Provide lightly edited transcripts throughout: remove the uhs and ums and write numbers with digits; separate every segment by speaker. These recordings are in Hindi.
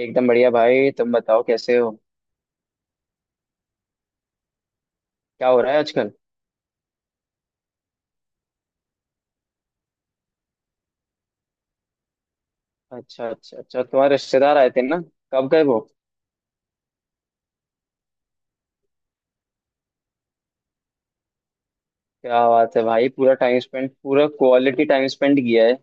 Speaker 1: एकदम बढ़िया भाई। तुम बताओ कैसे हो? क्या हो रहा है आजकल? अच्छा अच्छा अच्छा, तुम्हारे रिश्तेदार आए थे ना? कब गए वो? क्या बात है भाई, पूरा टाइम स्पेंड, पूरा क्वालिटी टाइम स्पेंड किया है।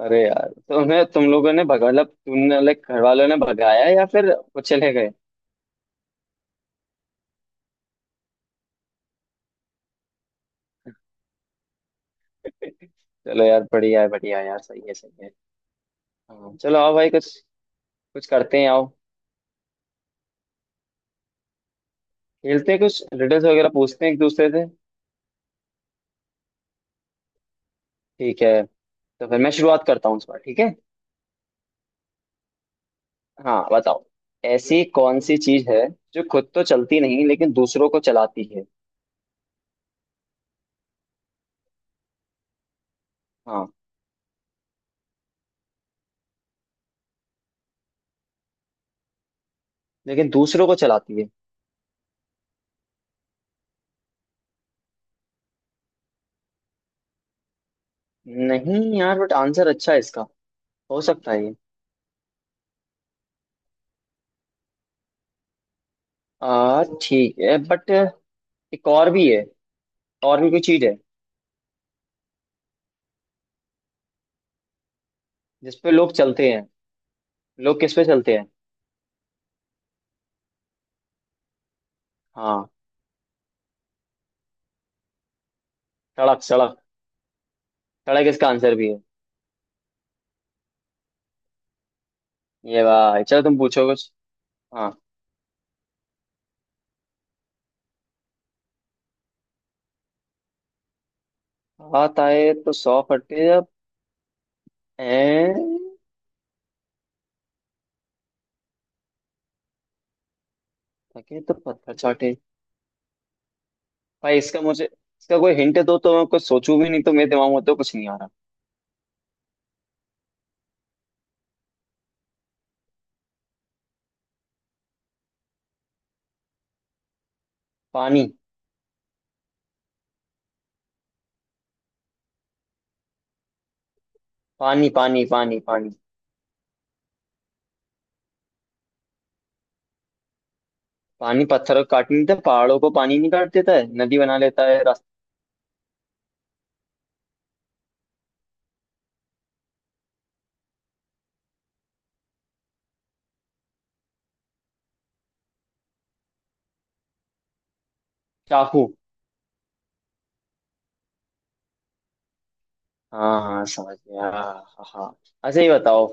Speaker 1: अरे यार, तुम्हें तुम लोगों ने भगा मतलब तुमने लाइक घर वालों ने भगाया या फिर वो चले गए? चलो यार, बढ़िया है यार, सही है सही है। हाँ चलो आओ भाई, कुछ कुछ करते हैं, आओ। खेलते हैं कुछ, रिडल्स वगैरह पूछते हैं एक दूसरे से। ठीक है, तो फिर मैं शुरुआत करता हूँ इस बार, ठीक है। हाँ बताओ। ऐसी कौन सी चीज है जो खुद तो चलती नहीं लेकिन दूसरों को चलाती है। हाँ, लेकिन दूसरों को चलाती है। नहीं यार, बट आंसर अच्छा है इसका। हो सकता है ये। आ ठीक है बट एक और भी है, और भी कोई चीज है जिसपे लोग चलते हैं। लोग किस पे चलते हैं? हाँ, सड़क सड़क, सड़क इसका आंसर भी है। ये भाई चलो तुम पूछो कुछ। हाँ, हाथ आए तो सौ फटे, जब हैं थके तो पत्थर चाटे। भाई इसका, मुझे इसका कोई हिंट दो तो मैं कुछ सोचूं, भी नहीं तो मेरे दिमाग में तो कुछ नहीं आ रहा। पानी पानी पानी पानी। पानी पानी पत्थरों को काट नहीं देता, पहाड़ों को पानी नहीं काट देता है, नदी बना लेता है रास्ता। चाकू। हाँ हाँ समझ गया, हाँ हाँ हाँ। अच्छा ये बताओ,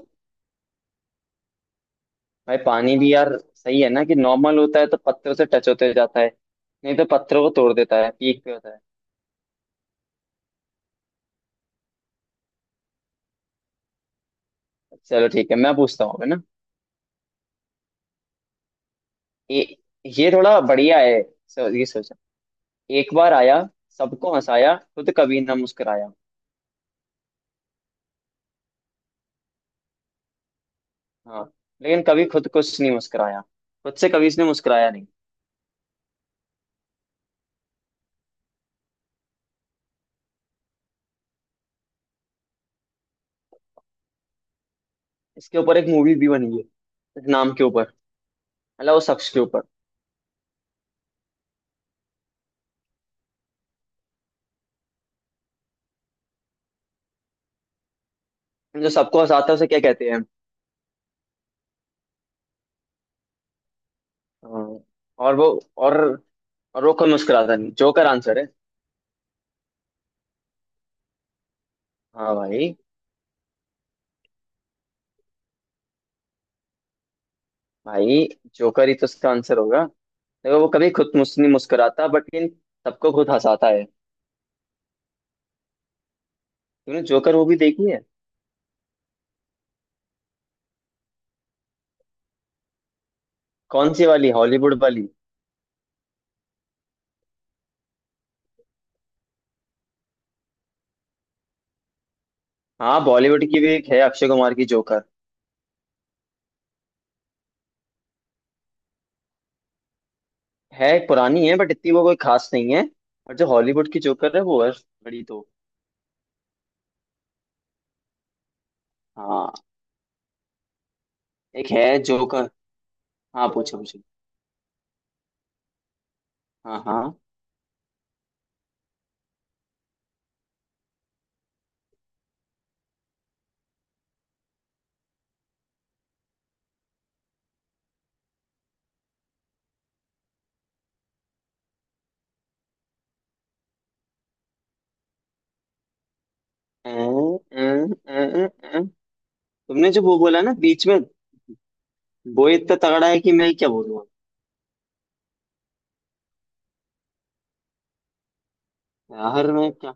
Speaker 1: भाई पानी भी यार सही है ना, कि नॉर्मल होता है तो पत्थरों से टच होते जाता है, नहीं तो पत्थरों को तोड़ देता है, पीक पे होता है। चलो ठीक है, मैं पूछता हूँ अब, है ना। ये ये थोड़ा बढ़िया है। ये सोचा। एक बार आया, सबको हंसाया, खुद कभी ना मुस्कुराया। हाँ, लेकिन कभी खुद को उसने नहीं मुस्कुराया, खुद से कभी इसने मुस्कुराया नहीं। इसके ऊपर एक मूवी भी बनी है, इस नाम के ऊपर, मतलब उस शख्स के ऊपर। जो सबको हंसाता है उसे क्या कहते हैं? हाँ, और वो, और और वो कोई मुस्कुराता नहीं, जोकर आंसर है। हाँ भाई, भाई जोकर ही तो उसका आंसर होगा। देखो वो कभी खुद मुझ नहीं मुस्कुराता, बट लेकिन सबको खुद हंसाता है। तूने जोकर वो भी देखी है? कौन सी वाली, हॉलीवुड वाली? हाँ, बॉलीवुड की भी एक है, अक्षय कुमार की जोकर है, पुरानी है, बट इतनी वो कोई खास नहीं है। और जो हॉलीवुड की जोकर है वो है बड़ी तो। हाँ, एक है जोकर। हाँ पूछो पूछो। हाँ हाँ, अं, अं, अं, अं, अं। तुमने जो वो बोला ना बीच में, वो इतना तगड़ा है कि मैं क्या बोलूँगा। यार मैं क्या।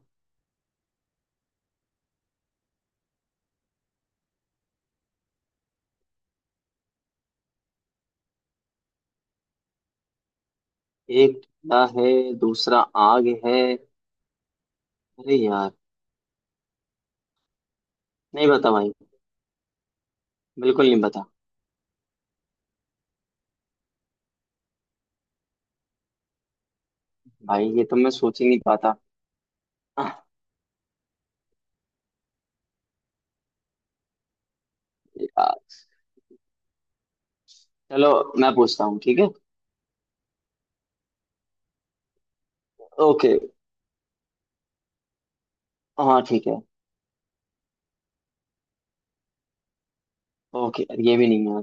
Speaker 1: एक ठंडा है, दूसरा आग है। अरे यार नहीं बता भाई, बिल्कुल नहीं बता। भाई ये तो मैं सोच ही नहीं पाता। आह, यार। चलो मैं पूछता हूँ, ठीक है। ओके। हाँ ठीक है। ओके ये भी नहीं है।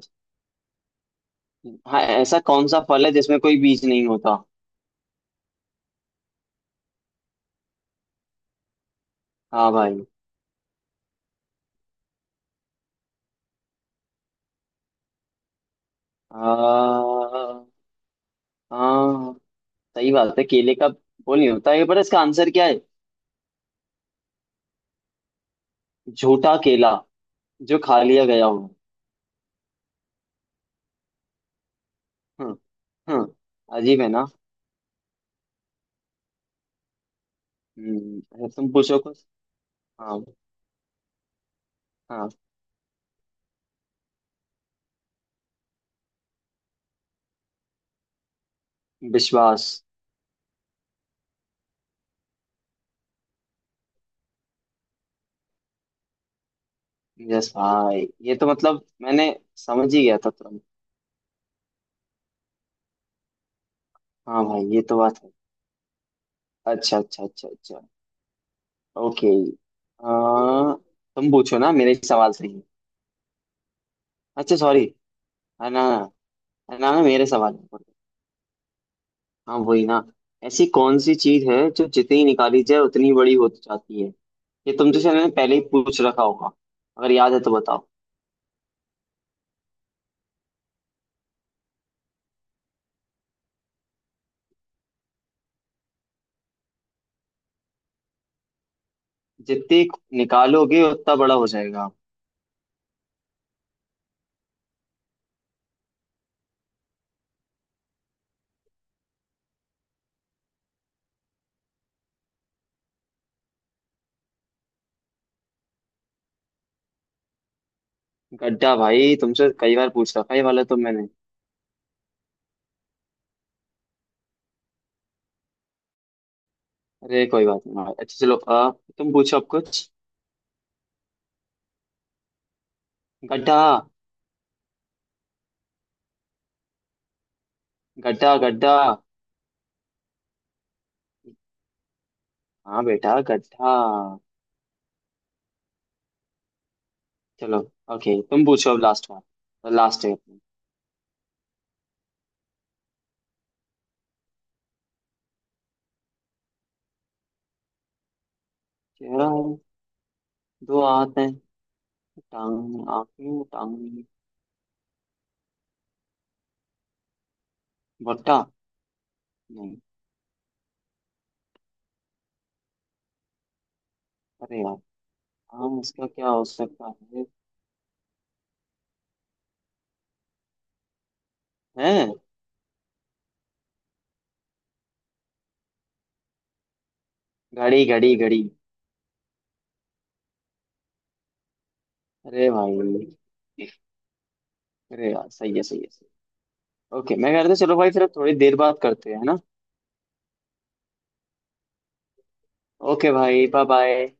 Speaker 1: हाँ, ऐसा कौन सा फल है जिसमें कोई बीज नहीं होता? हाँ भाई। हाँ हाँ सही बात है, केले का वो नहीं होता है, पर इसका आंसर क्या है, झूठा केला, जो खा लिया गया हो। हम्म। हम्म, अजीब है ना। हम्म, अगर तुम पूछो कुछ। हाँ। हाँ, विश्वास। यस भाई, ये तो मतलब मैंने समझ ही गया था तुरंत। हाँ भाई ये तो बात है। अच्छा अच्छा अच्छा अच्छा, ओके। आ, तुम पूछो ना मेरे सवाल से ही। अच्छा सॉरी, है ना, ना ना मेरे सवाल है। हाँ वही ना, ऐसी कौन सी चीज है जो जितनी निकाली जाए उतनी बड़ी होती जाती है। ये तुमसे शायद मैंने पहले ही पूछ रखा होगा, अगर याद है तो बताओ। जितनी निकालोगे उतना बड़ा हो जाएगा। गड्ढा, भाई तुमसे कई बार पूछ रखा है ये वाला तो मैंने। अरे कोई बात नहीं भाई, अच्छा चलो, तुम पूछो अब कुछ। गड्ढा, गड्ढा गड्ढा। हाँ बेटा, गड्ढा। चलो ओके, तुम पूछो अब, लास्ट बार, लास्ट है अपनी। क्या? दो हाथ हैं? टांग, आंखें, टांग, भुट्टा? नहीं। अरे यार हम, इसका क्या हो सकता है? हैं, घड़ी घड़ी घड़ी। अरे भाई, अरे यार सही है सही है सही है। ओके मैं कहता चलो भाई, फिर अब थोड़ी देर बात करते हैं, है ना। ओके भाई बाय बाय।